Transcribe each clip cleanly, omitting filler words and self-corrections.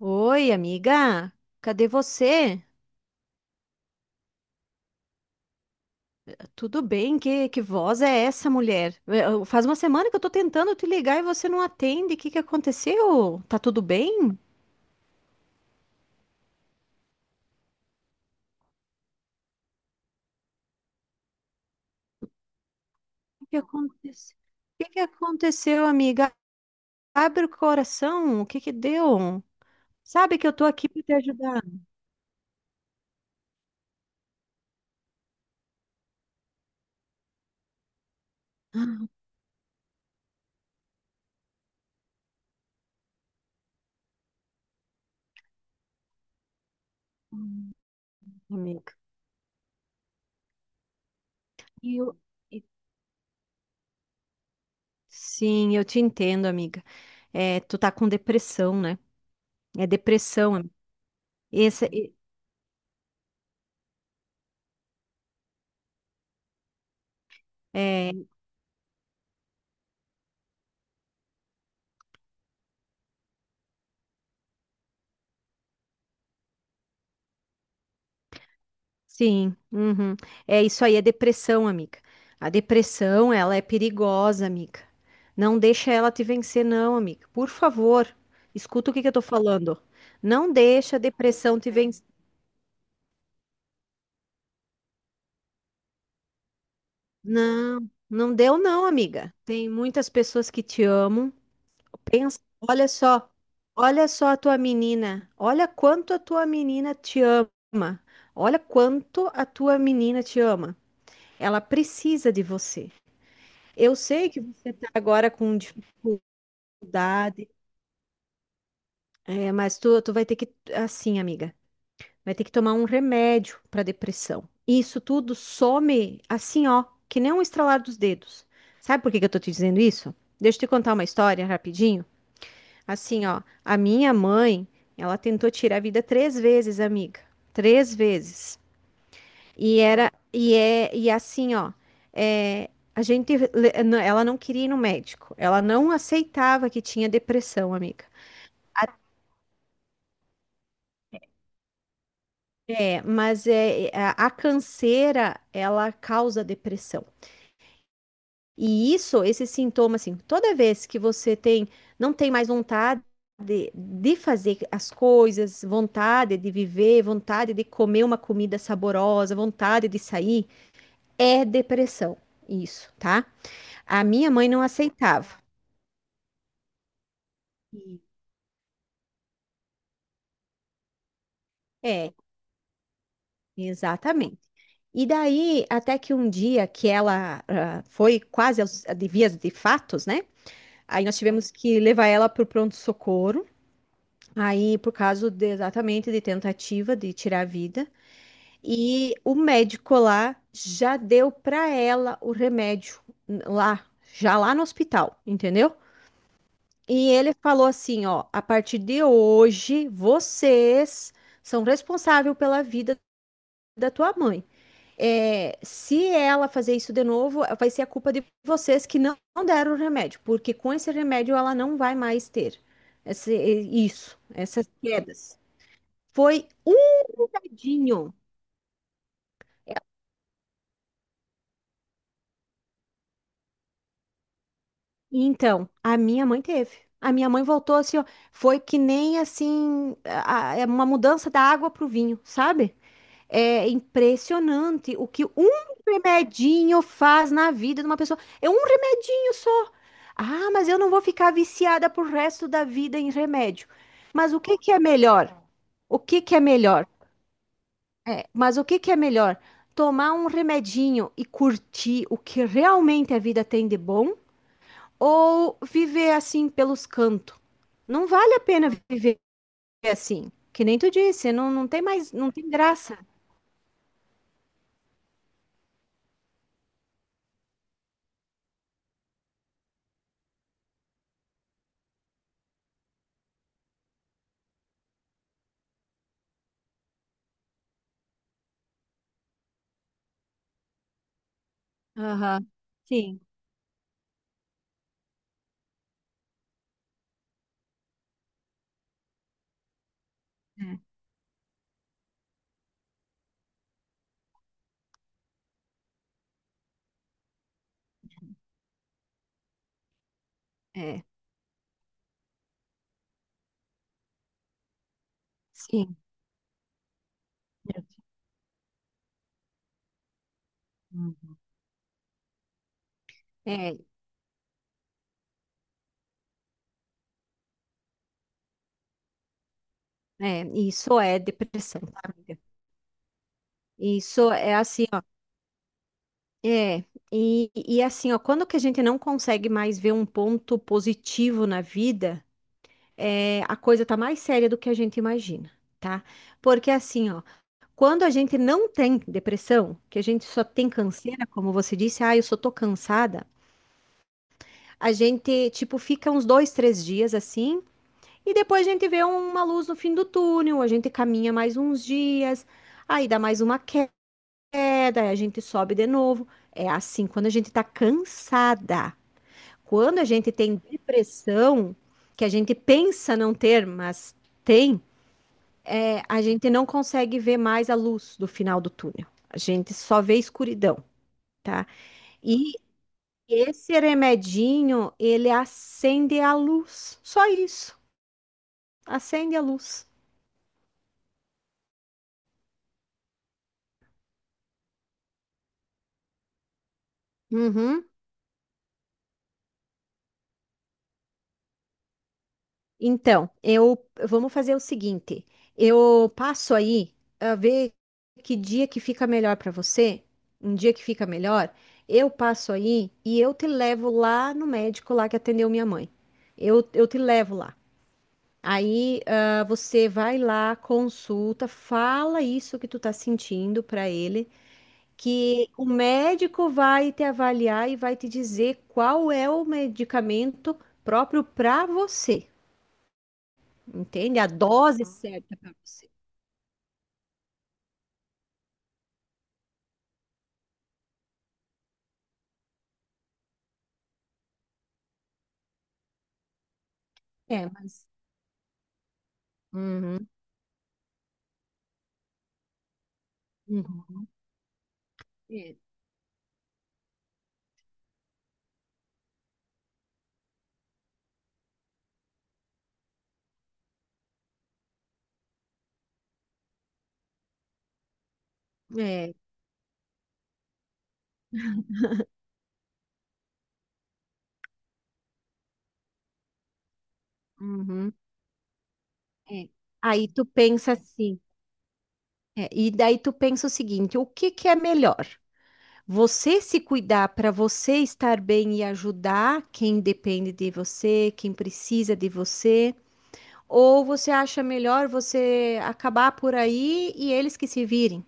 Oi, amiga. Cadê você? Tudo bem? Que voz é essa, mulher? É, Faz uma semana que eu tô tentando te ligar e você não atende. O que que aconteceu? Tá tudo bem? O que que aconteceu? O que que aconteceu, amiga? Abre o coração. O que que deu? Sabe que eu tô aqui para te ajudar, amiga. E eu- e- Sim, eu te entendo, amiga. É, tu tá com depressão, né? É depressão, amiga. Esse, Sim, uhum. É isso aí, é depressão, amiga. A depressão, ela é perigosa, amiga. Não deixa ela te vencer, não, amiga. Por favor, escuta o que que eu tô falando. Não deixa a depressão te vencer. Não, não deu, não, amiga. Tem muitas pessoas que te amam. Pensa, olha só, olha só a tua menina. Olha quanto a tua menina te ama. Olha quanto a tua menina te ama. Ela precisa de você. Eu sei que você está agora com dificuldade, é, mas tu vai ter que, assim, amiga, vai ter que tomar um remédio para depressão. Isso tudo some assim, ó, que nem um estralar dos dedos. Sabe por que que eu tô te dizendo isso? Deixa eu te contar uma história rapidinho. Assim, ó, a minha mãe, ela tentou tirar a vida três vezes, amiga. Três vezes. E era, e é, e assim, ó, é, a gente, não, ela não queria ir no médico, ela não aceitava que tinha depressão, amiga. É, mas é, a canseira, ela causa depressão. E isso, esse sintoma, assim, toda vez que você tem, não tem mais vontade de fazer as coisas, vontade de viver, vontade de comer uma comida saborosa, vontade de sair, é depressão, isso, tá? A minha mãe não aceitava. É, exatamente. E daí, até que um dia que ela foi quase de vias de fatos, né? Aí nós tivemos que levar ela para o pronto-socorro, aí por causa exatamente de tentativa de tirar a vida. E o médico lá já deu para ela o remédio lá, já lá no hospital, entendeu? E ele falou assim, ó, a partir de hoje, vocês são responsáveis pela vida da tua mãe. É, se ela fazer isso de novo, vai ser a culpa de vocês que não deram o remédio, porque com esse remédio ela não vai mais ter esse- isso, essas quedas. Foi um bocadinho. Então, a minha mãe teve. A minha mãe voltou assim, ó, foi que nem assim, é uma mudança da água pro vinho, sabe? É impressionante o que um remedinho faz na vida de uma pessoa. É um remedinho só. Ah, mas eu não vou ficar viciada pro resto da vida em remédio. Mas o que que é melhor? O que que é melhor? É, mas o que que é melhor? Tomar um remedinho e curtir o que realmente a vida tem de bom ou viver assim pelos cantos? Não vale a pena viver assim. Que nem tu disse, não, não tem mais, não tem graça. Aham. Sim. É. É. Sim. Uhum. É, é, isso é depressão, tá, amiga? Isso é assim, ó. É, e assim, ó, quando que a gente não consegue mais ver um ponto positivo na vida, é, a coisa tá mais séria do que a gente imagina, tá? Porque assim, ó, quando a gente não tem depressão, que a gente só tem canseira, como você disse, ah, eu só tô cansada, a gente, tipo, fica uns dois, três dias assim. E depois a gente vê uma luz no fim do túnel, a gente caminha mais uns dias, aí dá mais uma queda, aí a gente sobe de novo. É assim, quando a gente tá cansada, quando a gente tem depressão, que a gente pensa não ter, mas tem, é, a gente não consegue ver mais a luz do final do túnel. A gente só vê escuridão, tá? E esse remedinho, ele acende a luz, só isso, acende a luz. Uhum. Então, eu vamos fazer o seguinte. Eu passo aí a ver que dia que fica melhor para você, um dia que fica melhor, eu passo aí e eu te levo lá no médico lá que atendeu minha mãe. Eu te levo lá. Aí, você vai lá, consulta, fala isso que tu tá sentindo para ele, que o médico vai te avaliar e vai te dizer qual é o medicamento próprio para você. Entende? A dose certa para você. É, mas. Uhum, uhum, é, é, uhum, é. Aí tu pensa assim, é, e daí tu pensa o seguinte: o que que é melhor? Você se cuidar para você estar bem e ajudar quem depende de você, quem precisa de você, ou você acha melhor você acabar por aí e eles que se virem?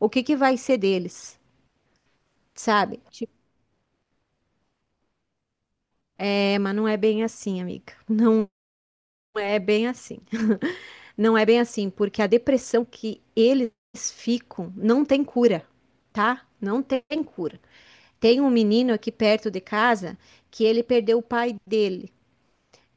O que que vai ser deles? Sabe? Tipo, é, mas não é bem assim, amiga. Não é bem assim. Não é bem assim, porque a depressão que eles ficam não tem cura, tá? Não tem cura. Tem um menino aqui perto de casa que ele perdeu o pai dele.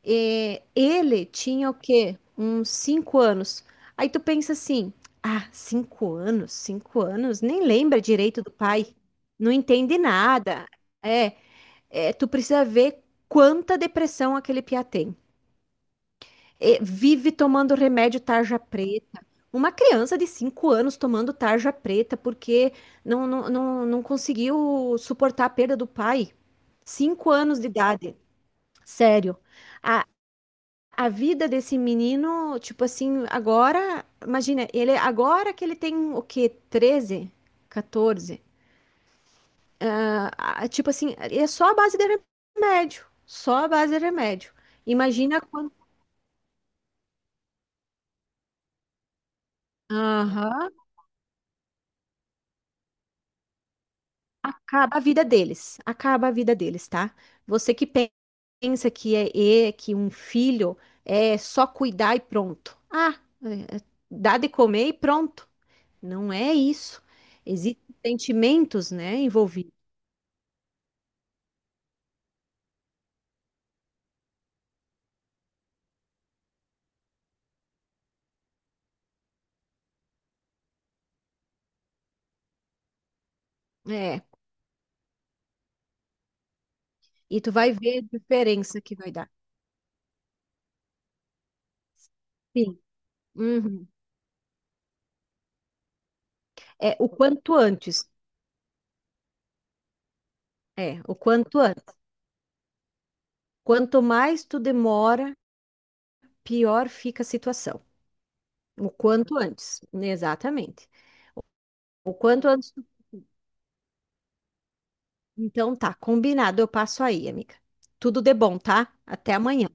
E ele tinha o quê? Uns 5 anos. Aí tu pensa assim: ah, 5 anos, 5 anos, nem lembra direito do pai, não entende nada. É, é, tu precisa ver quanta depressão aquele piá tem. E vive tomando remédio tarja preta. Uma criança de 5 anos tomando tarja preta porque não, não, não, não conseguiu suportar a perda do pai. 5 anos de idade, sério. A, a vida desse menino, tipo assim, agora, imagina, ele agora que ele tem o quê? 13, 14. Ah, tipo assim, é só a base de remédio, só a base de remédio. Imagina quando. Aham. Acaba a vida deles, acaba a vida deles, tá? Você que pensa que é que um filho é só cuidar e pronto. Ah, é dar de comer e pronto. Não é isso. Existem sentimentos, né, envolvidos. É, e tu vai ver a diferença que vai dar. Sim. Uhum. É o quanto antes. É, o quanto antes. Quanto mais tu demora, pior fica a situação. O quanto antes, né, exatamente. O quanto antes. Então tá, combinado. Eu passo aí, amiga. Tudo de bom, tá? Até amanhã.